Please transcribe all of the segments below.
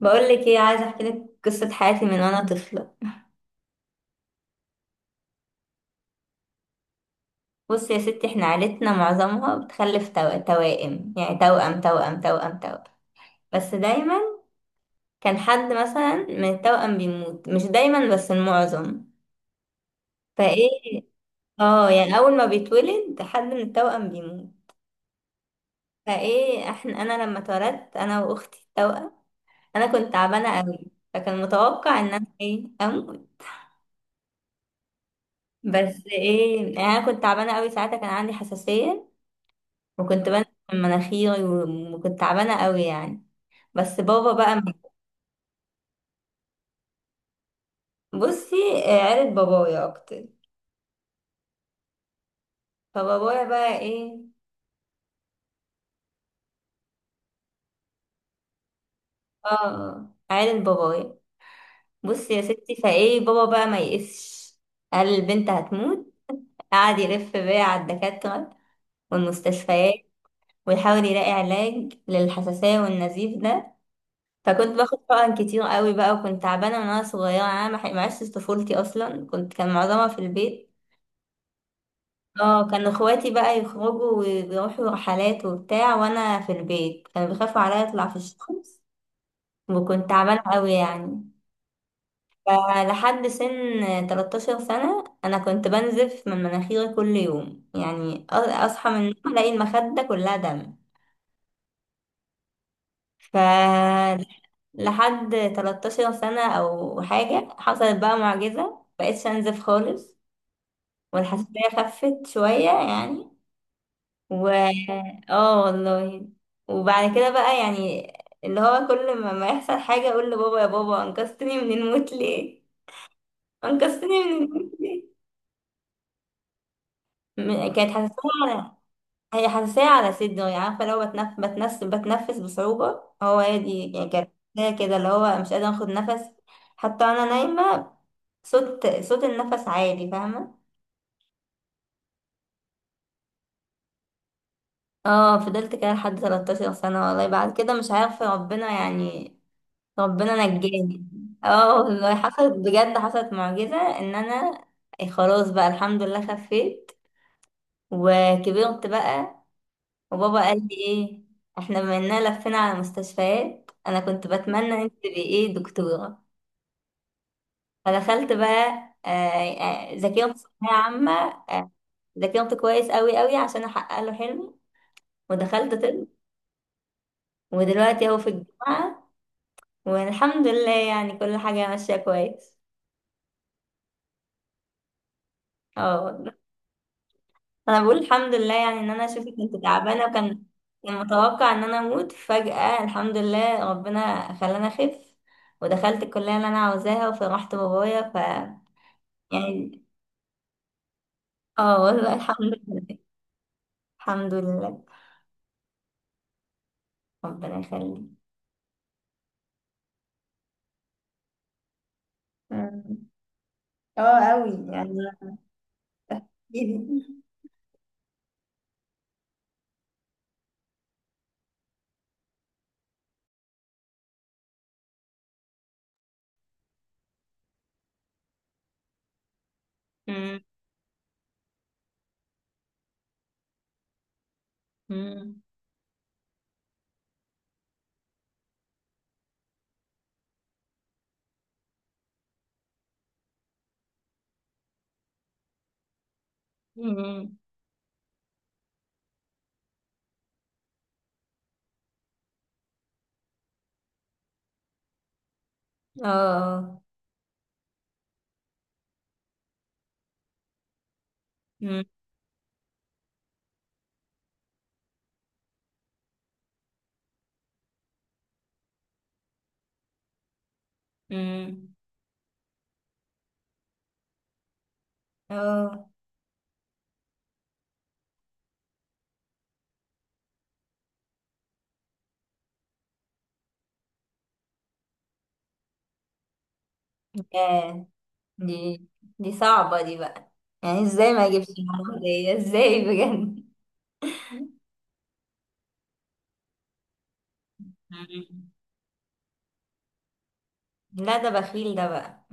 بقول لك ايه؟ عايزه احكي لك قصه حياتي من وانا طفله. بص يا ستي، احنا عيلتنا معظمها بتخلف توائم، يعني توأم توأم توأم توأم. بس دايما كان حد مثلا من التوأم بيموت، مش دايما بس المعظم. فايه، اه، يعني اول ما بيتولد حد من التوأم بيموت. فايه احنا، انا لما اتولدت انا واختي التوأم، انا كنت تعبانه قوي، فكان متوقع ان انا ايه اموت. بس ايه، يعني انا كنت تعبانه قوي ساعتها، كان عندي حساسيه وكنت بنزل من مناخيري وكنت تعبانة قوي يعني. بس بابا بقى، بصي، آه، عيلة بابايا أكتر. فبابايا بقى إيه، اه، عيلة بابايا. بصي يا ستي، فإيه بابا بقى ما يقسش، قال البنت هتموت. قعد يلف بيا على الدكاترة والمستشفيات، ويحاول يلاقي علاج للحساسية والنزيف ده. فكنت باخد حقن كتير قوي بقى، وكنت تعبانة من وأنا صغيرة، أنا ما عشتش طفولتي أصلا، كان معظمها في البيت. اه، كانوا اخواتي بقى يخرجوا ويروحوا رحلات وبتاع، وانا في البيت كانوا بيخافوا عليا اطلع في الشمس. وكنت تعبانه قوي يعني. فلحد سن 13 سنه، انا كنت بنزف من مناخيري كل يوم، يعني اصحى من النوم الاقي المخده كلها دم. فلحد 13 سنه او حاجه، حصلت بقى معجزه، مبقتش انزف خالص. والحساسيه خفت شويه يعني. و اه والله. وبعد كده بقى يعني، اللي هو كل ما يحصل حاجة اقول لبابا: يا بابا انقذتني من الموت ليه؟ انقذتني من الموت ليه؟ كانت حساسية على، هي حساسية على صدري، يعني عارفة لو بتنفس بصعوبة. هي دي يعني كانت حساسية كده، اللي هو مش قادرة اخد نفس حتى وانا نايمة. صوت النفس عالي، فاهمة؟ اه، فضلت كده لحد 13 سنة والله. بعد كده مش عارفة، ربنا يعني ربنا نجاني. اه والله، حصلت بجد، حصلت معجزة ان انا إيه، خلاص بقى، الحمد لله خفيت. وكبرت بقى، وبابا قال لي ايه: احنا بما اننا لفينا على مستشفيات انا كنت بتمنى ان انت تبقي ايه دكتورة. فدخلت بقى، آه، ذاكرت ثانوية عامة، آه، ذاكرت كويس قوي قوي عشان احقق له حلمي، ودخلت طب. ودلوقتي اهو في الجامعة، والحمد لله يعني كل حاجة ماشية كويس. اه، انا بقول الحمد لله، يعني ان انا شوفي كنت تعبانه، وكان متوقع ان انا اموت فجاه. الحمد لله ربنا خلاني اخف، ودخلت الكليه اللي انا عاوزاها، وفرحت بابايا، يعني اه والله الحمد لله، الحمد لله. ربنا يخليك. أمم. اه قوي يعني. أمم. أمم. أمم. اه. أمم. أمم. اه. آه. دي دي صعبة دي بقى، يعني ازاي ما اجيبش المعلومة دي ازاي بجد؟ مم. لا، ده بخيل ده بقى.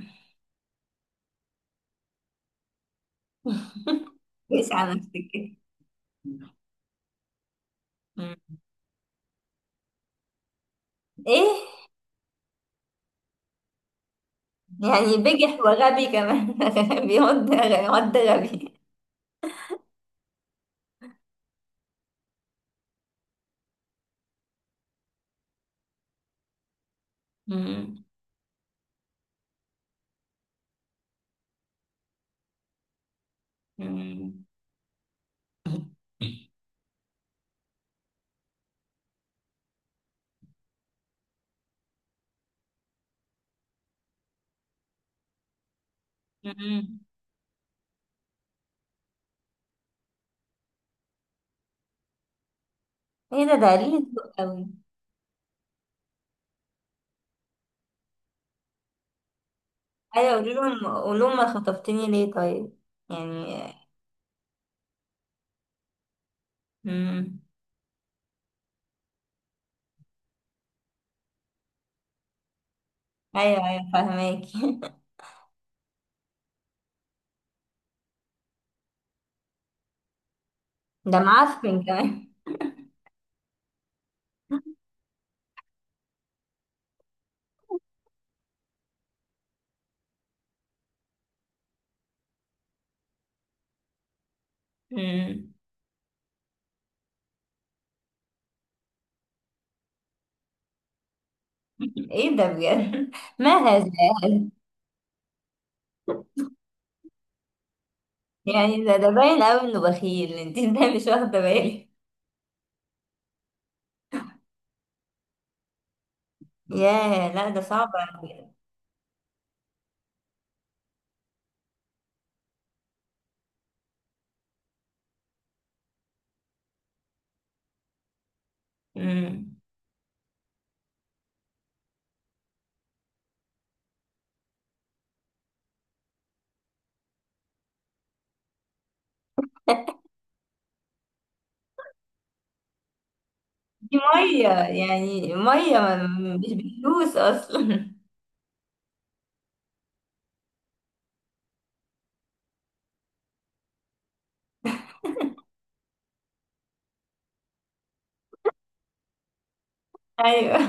قيس على نفسك كده. مم. ايه، يعني بجح وغبي كمان. بيقعد غبي، واد غبي. مم. مم. مم. ايه ده، قليل الذوق قوي. ايوه قولي لهم، قولي لهم، ما خطفتني ليه طيب؟ يعني. مم. ايوه ايوه فاهماكي. ده معفن كمان. مم. ايه ده بجد؟ ما هذا؟ يعني ده، باين قوي انه بخيل انت. ازاي مش واخده بالي؟ ياه، لا ده صعب قوي. أمم. دي ميه، يعني ميه مش بفلوس اصلا. ايوه.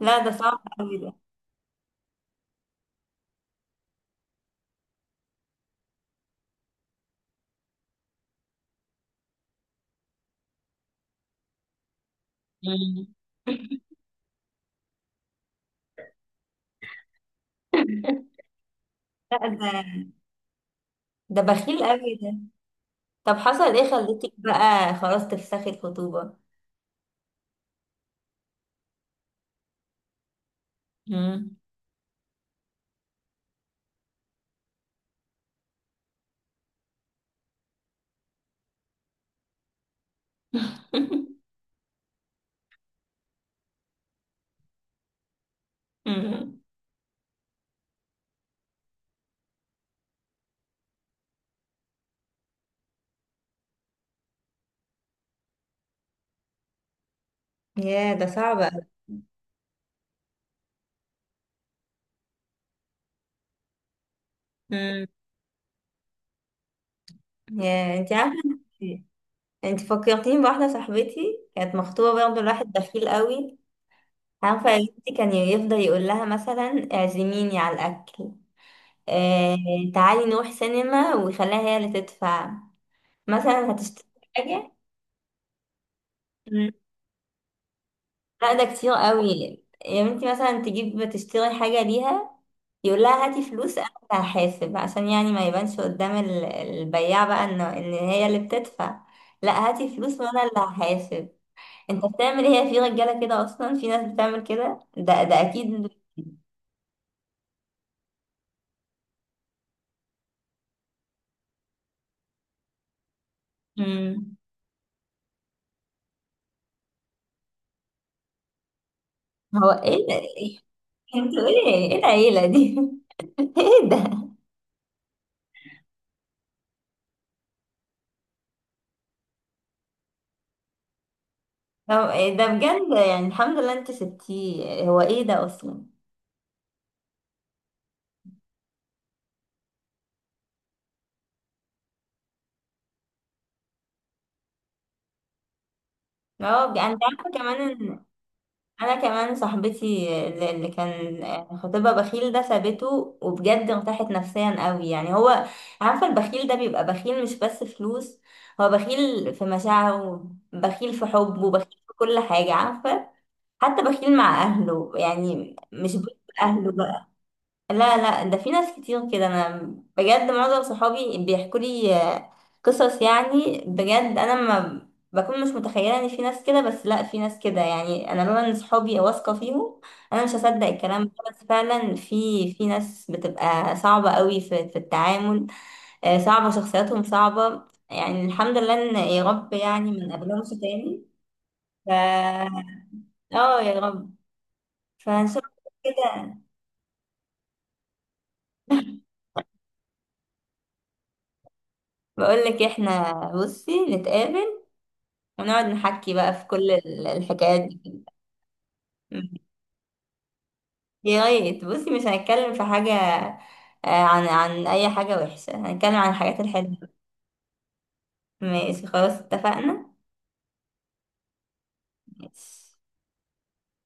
لا، ده صعب قوي ده. أمم. لا، ده بخيل قوي ده. طب حصل ايه؟ خليتك بقى خلاص تفسخي الخطوبه؟ أمم. أمم. ياه ده صعب قوي. أمم. ياه انت عارفه، انت فكرتيني بواحدة صاحبتي كانت مخطوبة برضه لواحد بخيل قوي. عارفة يا بنتي، كان يفضل يقول لها مثلا اعزميني على الأكل. آه. تعالي نروح سينما، ويخليها هي اللي تدفع، مثلا هتشتري حاجة. مم. لا ده كتير قوي. يا بنتي، مثلا تجيب تشتري حاجة ليها، يقول لها: هاتي فلوس انا اللي هحاسب، عشان يعني ما يبانش قدام البياع بقى ان هي اللي بتدفع. لا، هاتي فلوس وانا اللي هحاسب. انت بتعمل هي في رجاله كده؟ اصلا في ناس بتعمل كده، ده اكيد. مم. هو ايه ده؟ انتوا ايه العيله دي؟ ايه ده؟ هو إيه ده بجد؟ يعني الحمد لله انت سبتيه، هو ايه ده اصلا؟ انت عارفه كمان ان انا كمان صاحبتي اللي كان خطيبها بخيل ده سابته، وبجد ارتاحت نفسيا قوي. يعني هو، عارفه البخيل ده بيبقى بخيل مش بس فلوس، هو بخيل في مشاعره، بخيل في حبه، بخيل في كل حاجه، عارفه؟ حتى بخيل مع أهله، يعني مش بس أهله بقى. لا لا، ده في ناس كتير كده. أنا بجد معظم صحابي بيحكوا لي، آه، قصص، يعني بجد أنا ما بكون مش متخيلة إن في ناس كده، بس لا في ناس كده يعني. أنا لولا إن صحابي واثقة فيهم أنا مش هصدق الكلام ده، بس فعلا في ناس بتبقى صعبة قوي في التعامل. آه، صعبة، شخصياتهم صعبة. يعني الحمد لله إن يا رب، يعني ما نقابلهمش تاني. ف اه يا رب. فان شاء الله كده. بقول لك احنا، بصي نتقابل ونقعد نحكي بقى في كل الحكايات دي. يا ريت بصي، مش هنتكلم في حاجة، آه، عن اي حاجة وحشة، هنتكلم عن الحاجات الحلوة. ماشي خلاص اتفقنا. ماشي